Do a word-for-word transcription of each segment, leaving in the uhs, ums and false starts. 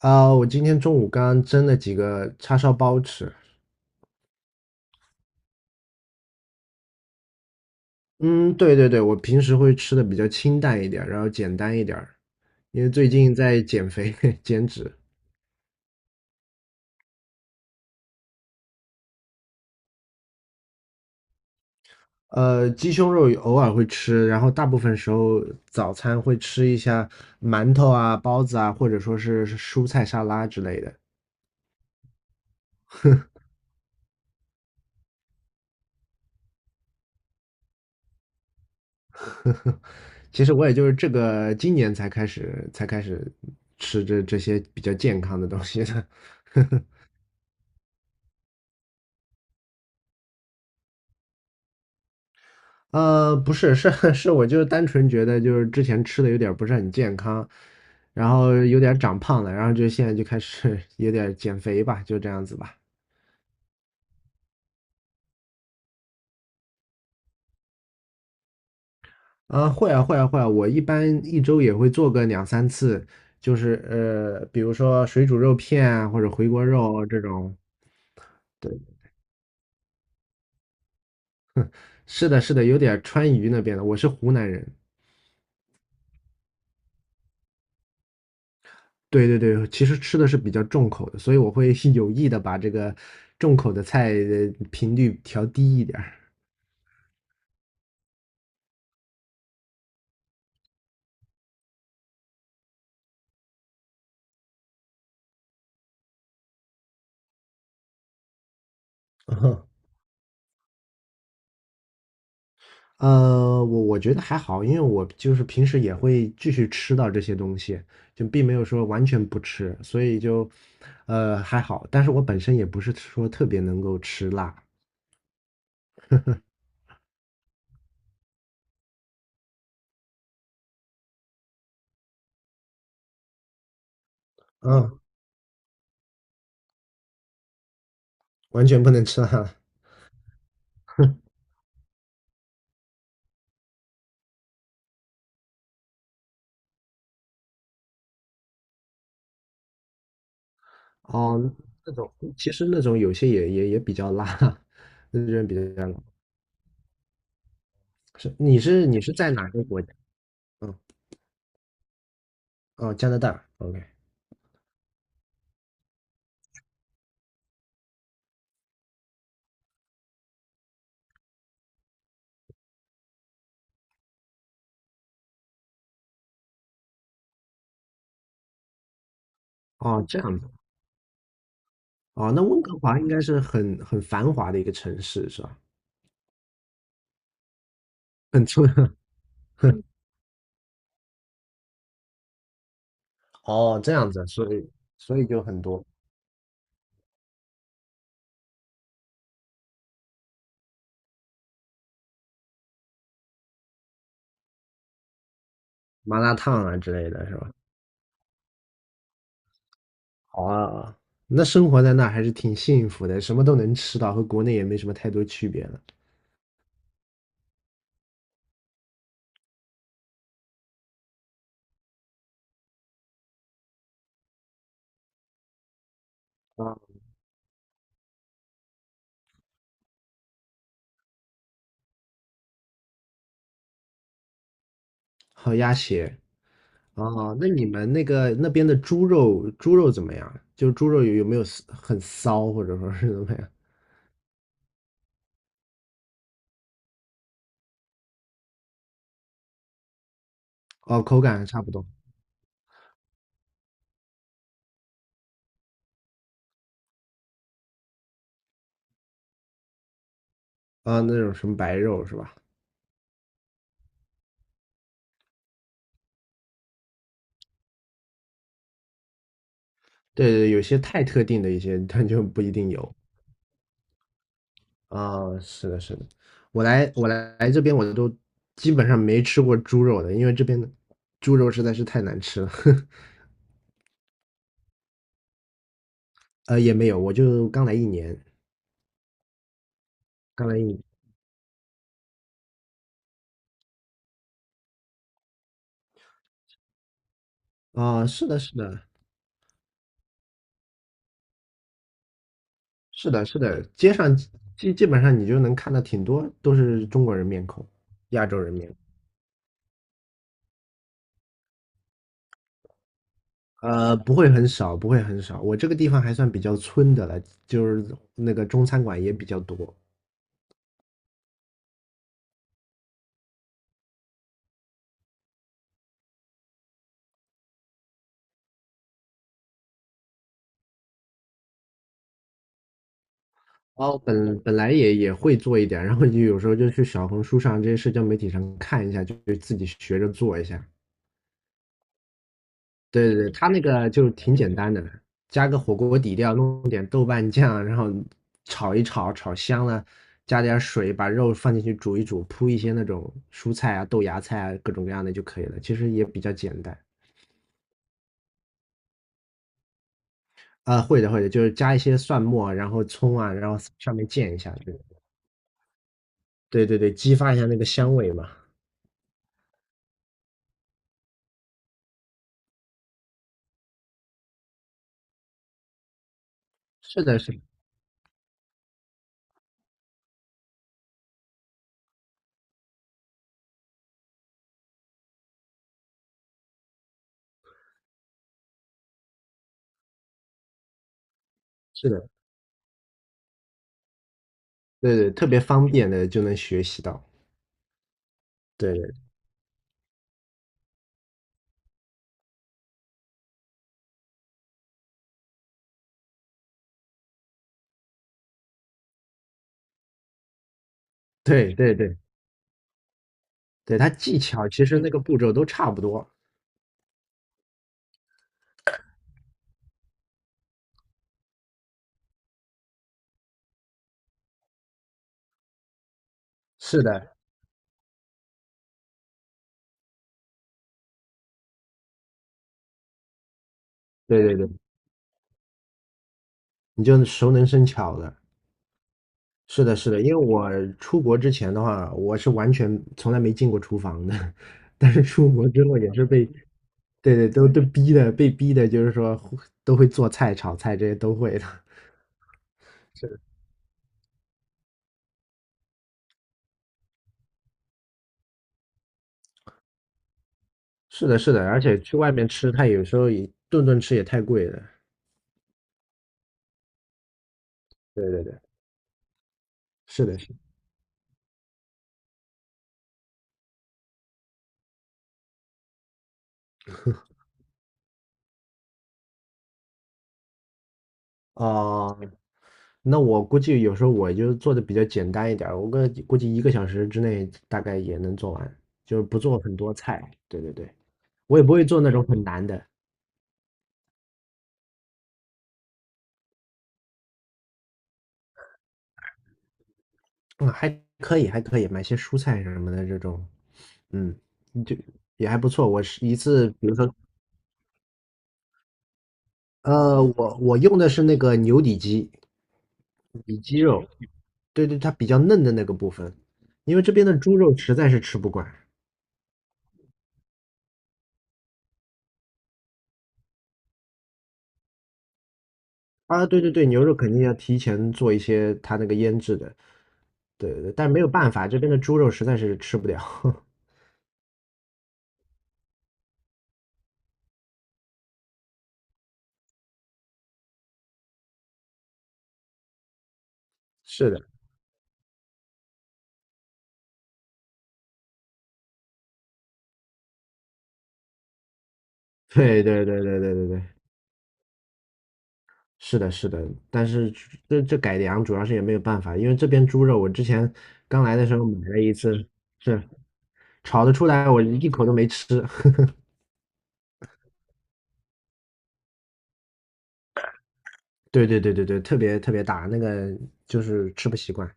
啊，我今天中午刚蒸了几个叉烧包吃。嗯，对对对，我平时会吃的比较清淡一点儿，然后简单一点儿，因为最近在减肥 减脂。呃，鸡胸肉偶尔会吃，然后大部分时候早餐会吃一下馒头啊、包子啊，或者说是蔬菜沙拉之类的。其实我也就是这个今年才开始才开始吃这这些比较健康的东西的。呃，不是，是 是，我就单纯觉得就是之前吃的有点不是很健康，然后有点长胖了，然后就现在就开始 有点减肥吧，就这样子吧。啊，会啊会啊会啊，我一般一周也会做个两三次，就是呃，比如说水煮肉片啊，或者回锅肉啊这种。对，是的，是的，有点川渝那边的。我是湖南人，对对对，其实吃的是比较重口的，所以我会 有意的把这个重口的菜的频率调低一点儿。呃，我我觉得还好，因为我就是平时也会继续吃到这些东西，就并没有说完全不吃，所以就，呃，还好。但是我本身也不是说特别能够吃辣，嗯，完全不能吃辣。哦，那种其实那种有些也也也比较辣，那种比较辣。是你是你是在哪个国家？嗯，哦，加拿大。O K。哦，这样子。哦，那温哥华应该是很很繁华的一个城市，是吧？很出，哦，这样子，所以所以就很多麻辣烫啊之类的是吧？好啊，那生活在那还是挺幸福的，什么都能吃到，和国内也没什么太多区别了。啊，好鸭血哦，那你们那个那边的猪肉，猪肉怎么样？就是猪肉有有没有骚很骚，或者说是怎么样？哦，口感还差不多啊，那种什么白肉是吧？对对，有些太特定的一些，它就不一定有。啊，是的，是的，我来我来来这边我都基本上没吃过猪肉的，因为这边的猪肉实在是太难吃了。呃，也没有，我就刚来一年，刚来一年。啊，是的，是的，是的，是的，街上基基本上你就能看到挺多都是中国人面孔，亚洲人面孔。呃，不会很少，不会很少。我这个地方还算比较村的了，就是那个中餐馆也比较多。然后本本来也也会做一点，然后就有时候就去小红书上这些社交媒体上看一下，就就自己学着做一下。对对对，他那个就挺简单的，加个火锅底料，弄点豆瓣酱，然后炒一炒，炒香了，加点水，把肉放进去煮一煮，铺一些那种蔬菜啊、豆芽菜啊各种各样的就可以了。其实也比较简单。啊，会的会的，就是加一些蒜末，然后葱啊，然后上面溅一下，对对对对，激发一下那个香味嘛。是的，是的是的。对对，特别方便的就能学习到。对对对对对，对，它技巧其实那个步骤都差不多。是的，对对对，你就熟能生巧的。是的，是的，因为我出国之前的话，我是完全从来没进过厨房的，但是出国之后也是被，对对，都都逼的，被逼的，就是说都会做菜、炒菜这些都会的。是的，是的，而且去外面吃，它有时候也顿顿吃也太贵了。对对对，是的，是的。哦、那我估计有时候我就做的比较简单一点儿，我个估计一个小时之内大概也能做完，就是不做很多菜。对对对，我也不会做那种很难的，嗯，还可以，还可以，买些蔬菜什么的这种，嗯，就也还不错。我是一次，比如说，呃，我我用的是那个牛里脊，里脊肉，对对，它比较嫩的那个部分，因为这边的猪肉实在是吃不惯啊。对对对，牛肉肯定要提前做一些它那个腌制的。对对，但没有办法，这边的猪肉实在是吃不了。是的，对对对对对对对，是的，是的，但是这这改良主要是也没有办法，因为这边猪肉我之前刚来的时候买了一次，是炒得出来，我一口都没吃。对对对对对，特别特别大，那个就是吃不习惯。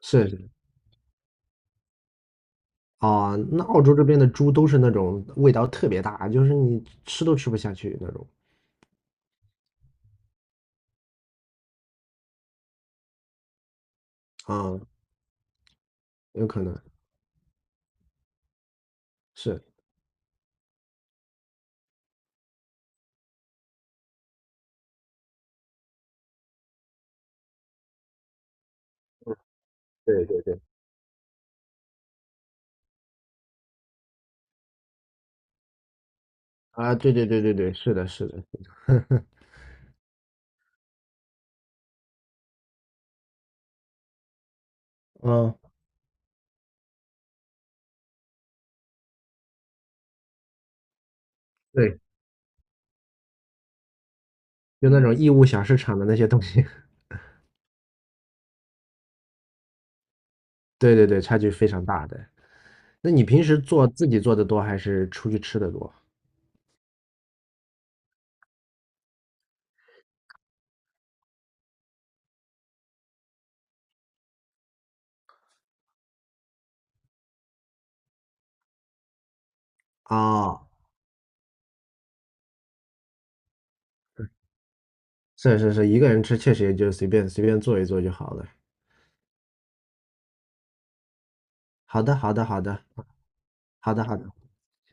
是是哦，那澳洲这边的猪都是那种味道特别大，就是你吃都吃不下去那种。啊、有可能是，对对对。啊，对对对对对，是的，是的，是的 嗯，对，就那种义乌小市场的那些东西，对对对，差距非常大的。那你平时做自己做的多，还是出去吃的多？啊，是是是，一个人吃确实也就随便随便做一做就好了。好的，好的，好的，好的，好的。